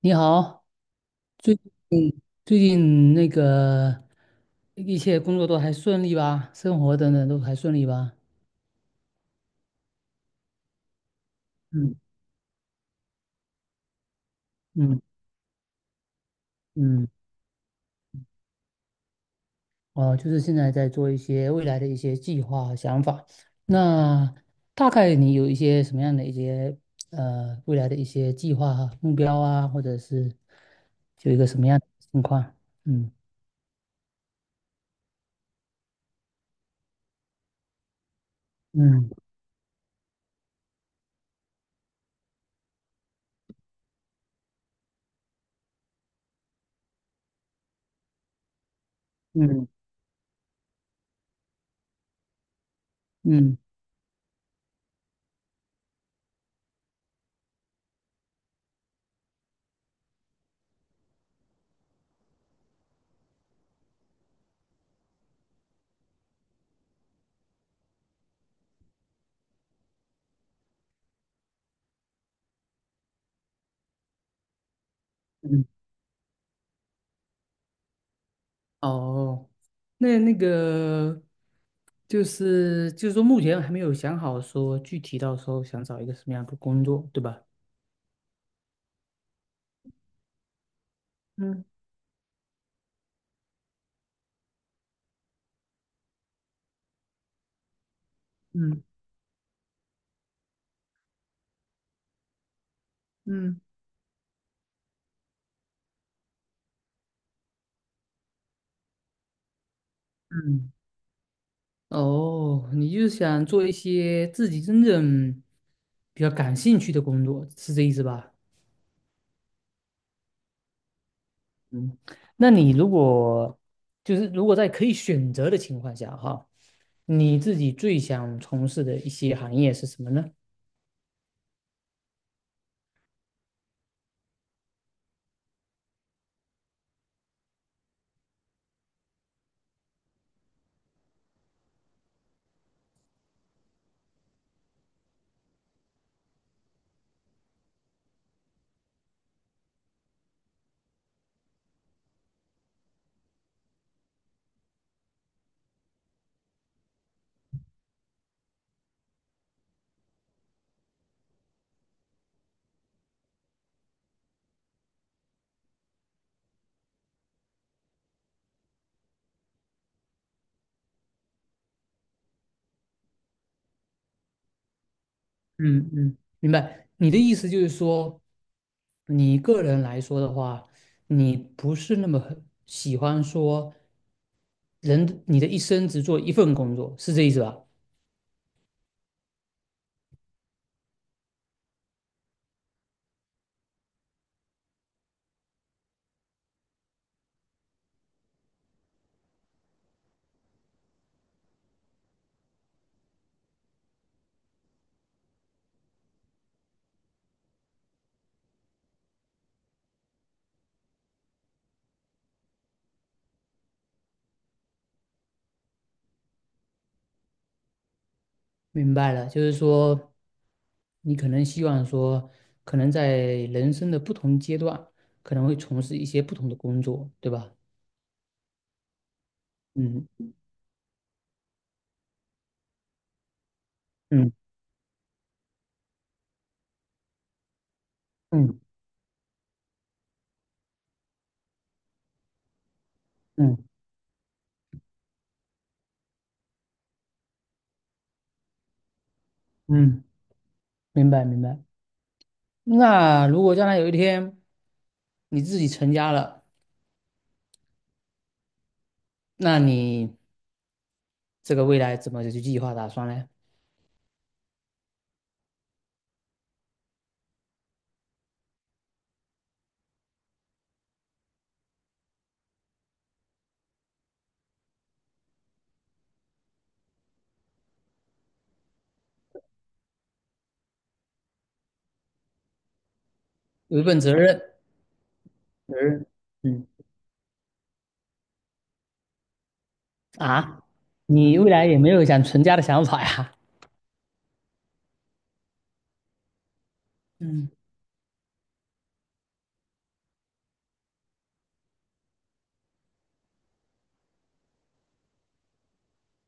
你好，最最近一切工作都还顺利吧？生活等等都还顺利吧？嗯嗯嗯，哦，就是现在在做一些未来的一些计划和想法。那大概你有一些什么样的一些未来的一些计划和目标啊，或者是有一个什么样的情况？嗯嗯嗯嗯嗯哦，那就是说，目前还没有想好说具体到时候想找一个什么样的工作，对吧？嗯嗯嗯，嗯，哦，你就是想做一些自己真正比较感兴趣的工作，是这意思吧？嗯，那你就是如果在可以选择的情况下，哈，你自己最想从事的一些行业是什么呢？嗯嗯，明白。你的意思就是说，你个人来说的话，你不是那么很喜欢说人，你的一生只做一份工作，是这意思吧？明白了，就是说，你可能希望说，可能在人生的不同阶段，可能会从事一些不同的工作，对吧？嗯嗯嗯嗯嗯，明白明白。那如果将来有一天你自己成家了，那你。这个未来怎么去计划打算呢？有一份责任，责任，嗯啊，你未来也没有想成家的想法呀？嗯，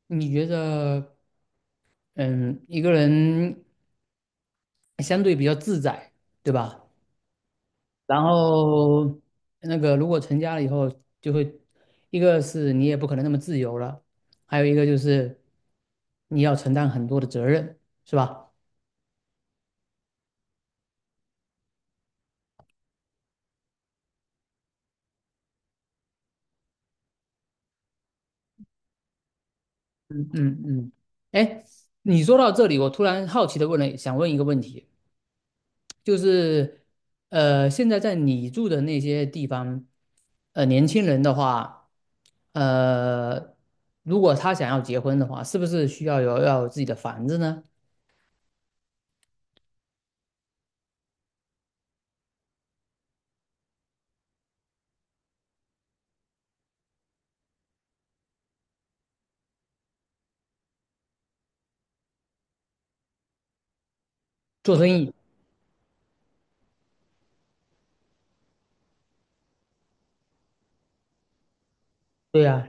你觉得，嗯，一个人相对比较自在，对吧？然后如果成家了以后，就会一个是你也不可能那么自由了，还有一个就是你要承担很多的责任，是吧？嗯嗯，哎，你说到这里，我突然好奇的问了，想问一个问题。就是，现在在你住的那些地方，年轻人的话，呃，如果他想要结婚的话，是不是需要有自己的房子呢？做生意，对呀，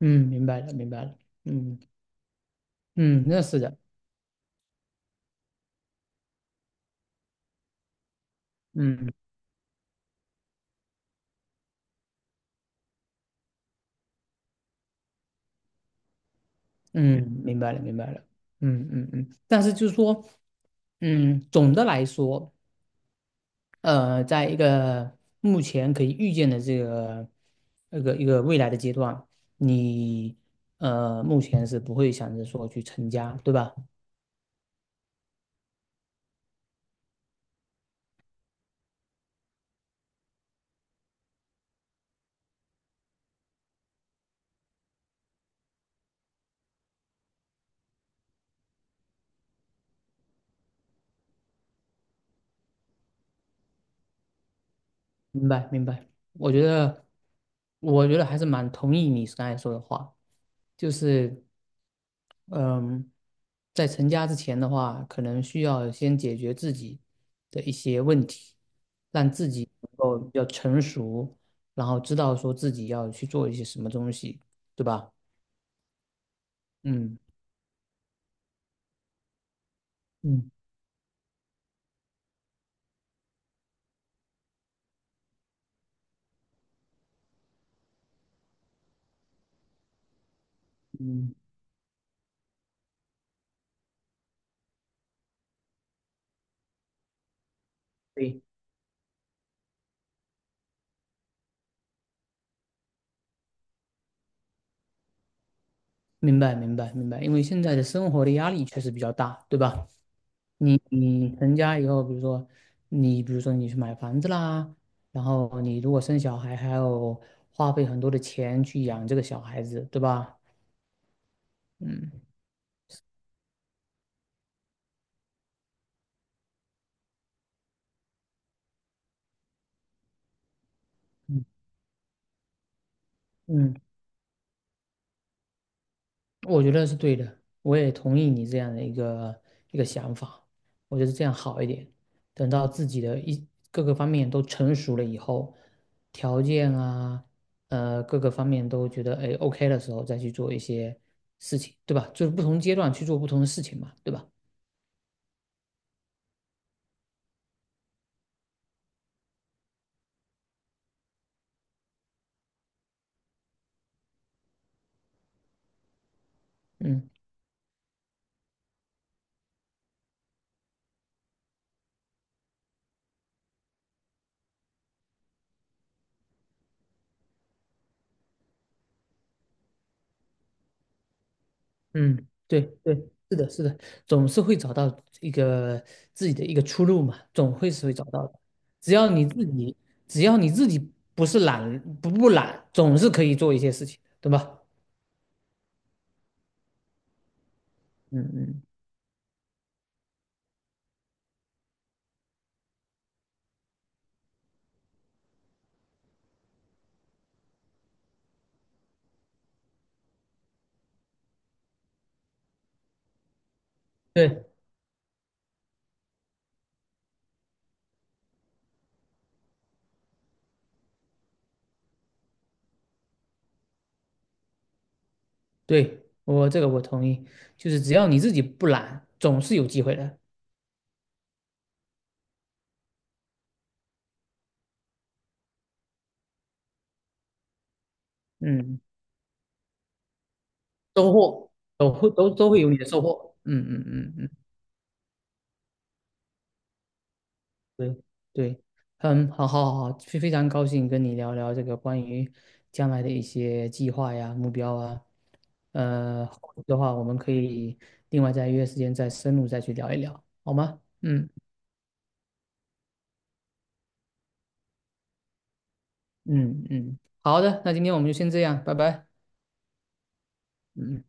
嗯，明白了，明白了，嗯嗯，那是的，嗯嗯，明白了，明白了，嗯嗯嗯，但是就是说，嗯，总的来说。呃，在一个目前可以预见的这个一个未来的阶段，你目前是不会想着说去成家，对吧？明白，明白。我觉得，我觉得还是蛮同意你刚才说的话，就是嗯，在成家之前的话，可能需要先解决自己的一些问题，能够比较成熟，然后知道说自己要去做一些什么东西，对吧？嗯。嗯嗯，对，明白明白明白，因为现在的生活的压力确实比较大，对吧？你成家以后，比如说你去买房子啦，然后你如果生小孩，还要花费很多的钱去养这个小孩子，对吧？嗯嗯嗯，我觉得是对的，我也同意你这样的一个想法，我觉得这样好一点。等到自己的一各个方面都成熟了以后，条件啊，呃，各个方面都觉得哎 OK 的时候，再去做一些事情，对吧？就是不同阶段去做不同的事情嘛，对吧？嗯。嗯，对对，是的，是的，总是会找到一个自己的一个出路嘛，总会是会找到的。只要你自己，只要你自己不懒，总是可以做一些事情的，对吧？嗯嗯，对对，我这个我同意，就是只要你自己不懒，总是有机会的。嗯，收获都会有你的收获。嗯嗯嗯嗯。对对，嗯，好好好，非常高兴跟你聊聊这个关于将来的一些计划呀、目标啊。呃，后续的话我们可以另外再约时间再深入再去聊一聊，好吗？嗯嗯嗯，好的，那今天我们就先这样，拜拜。嗯。嗯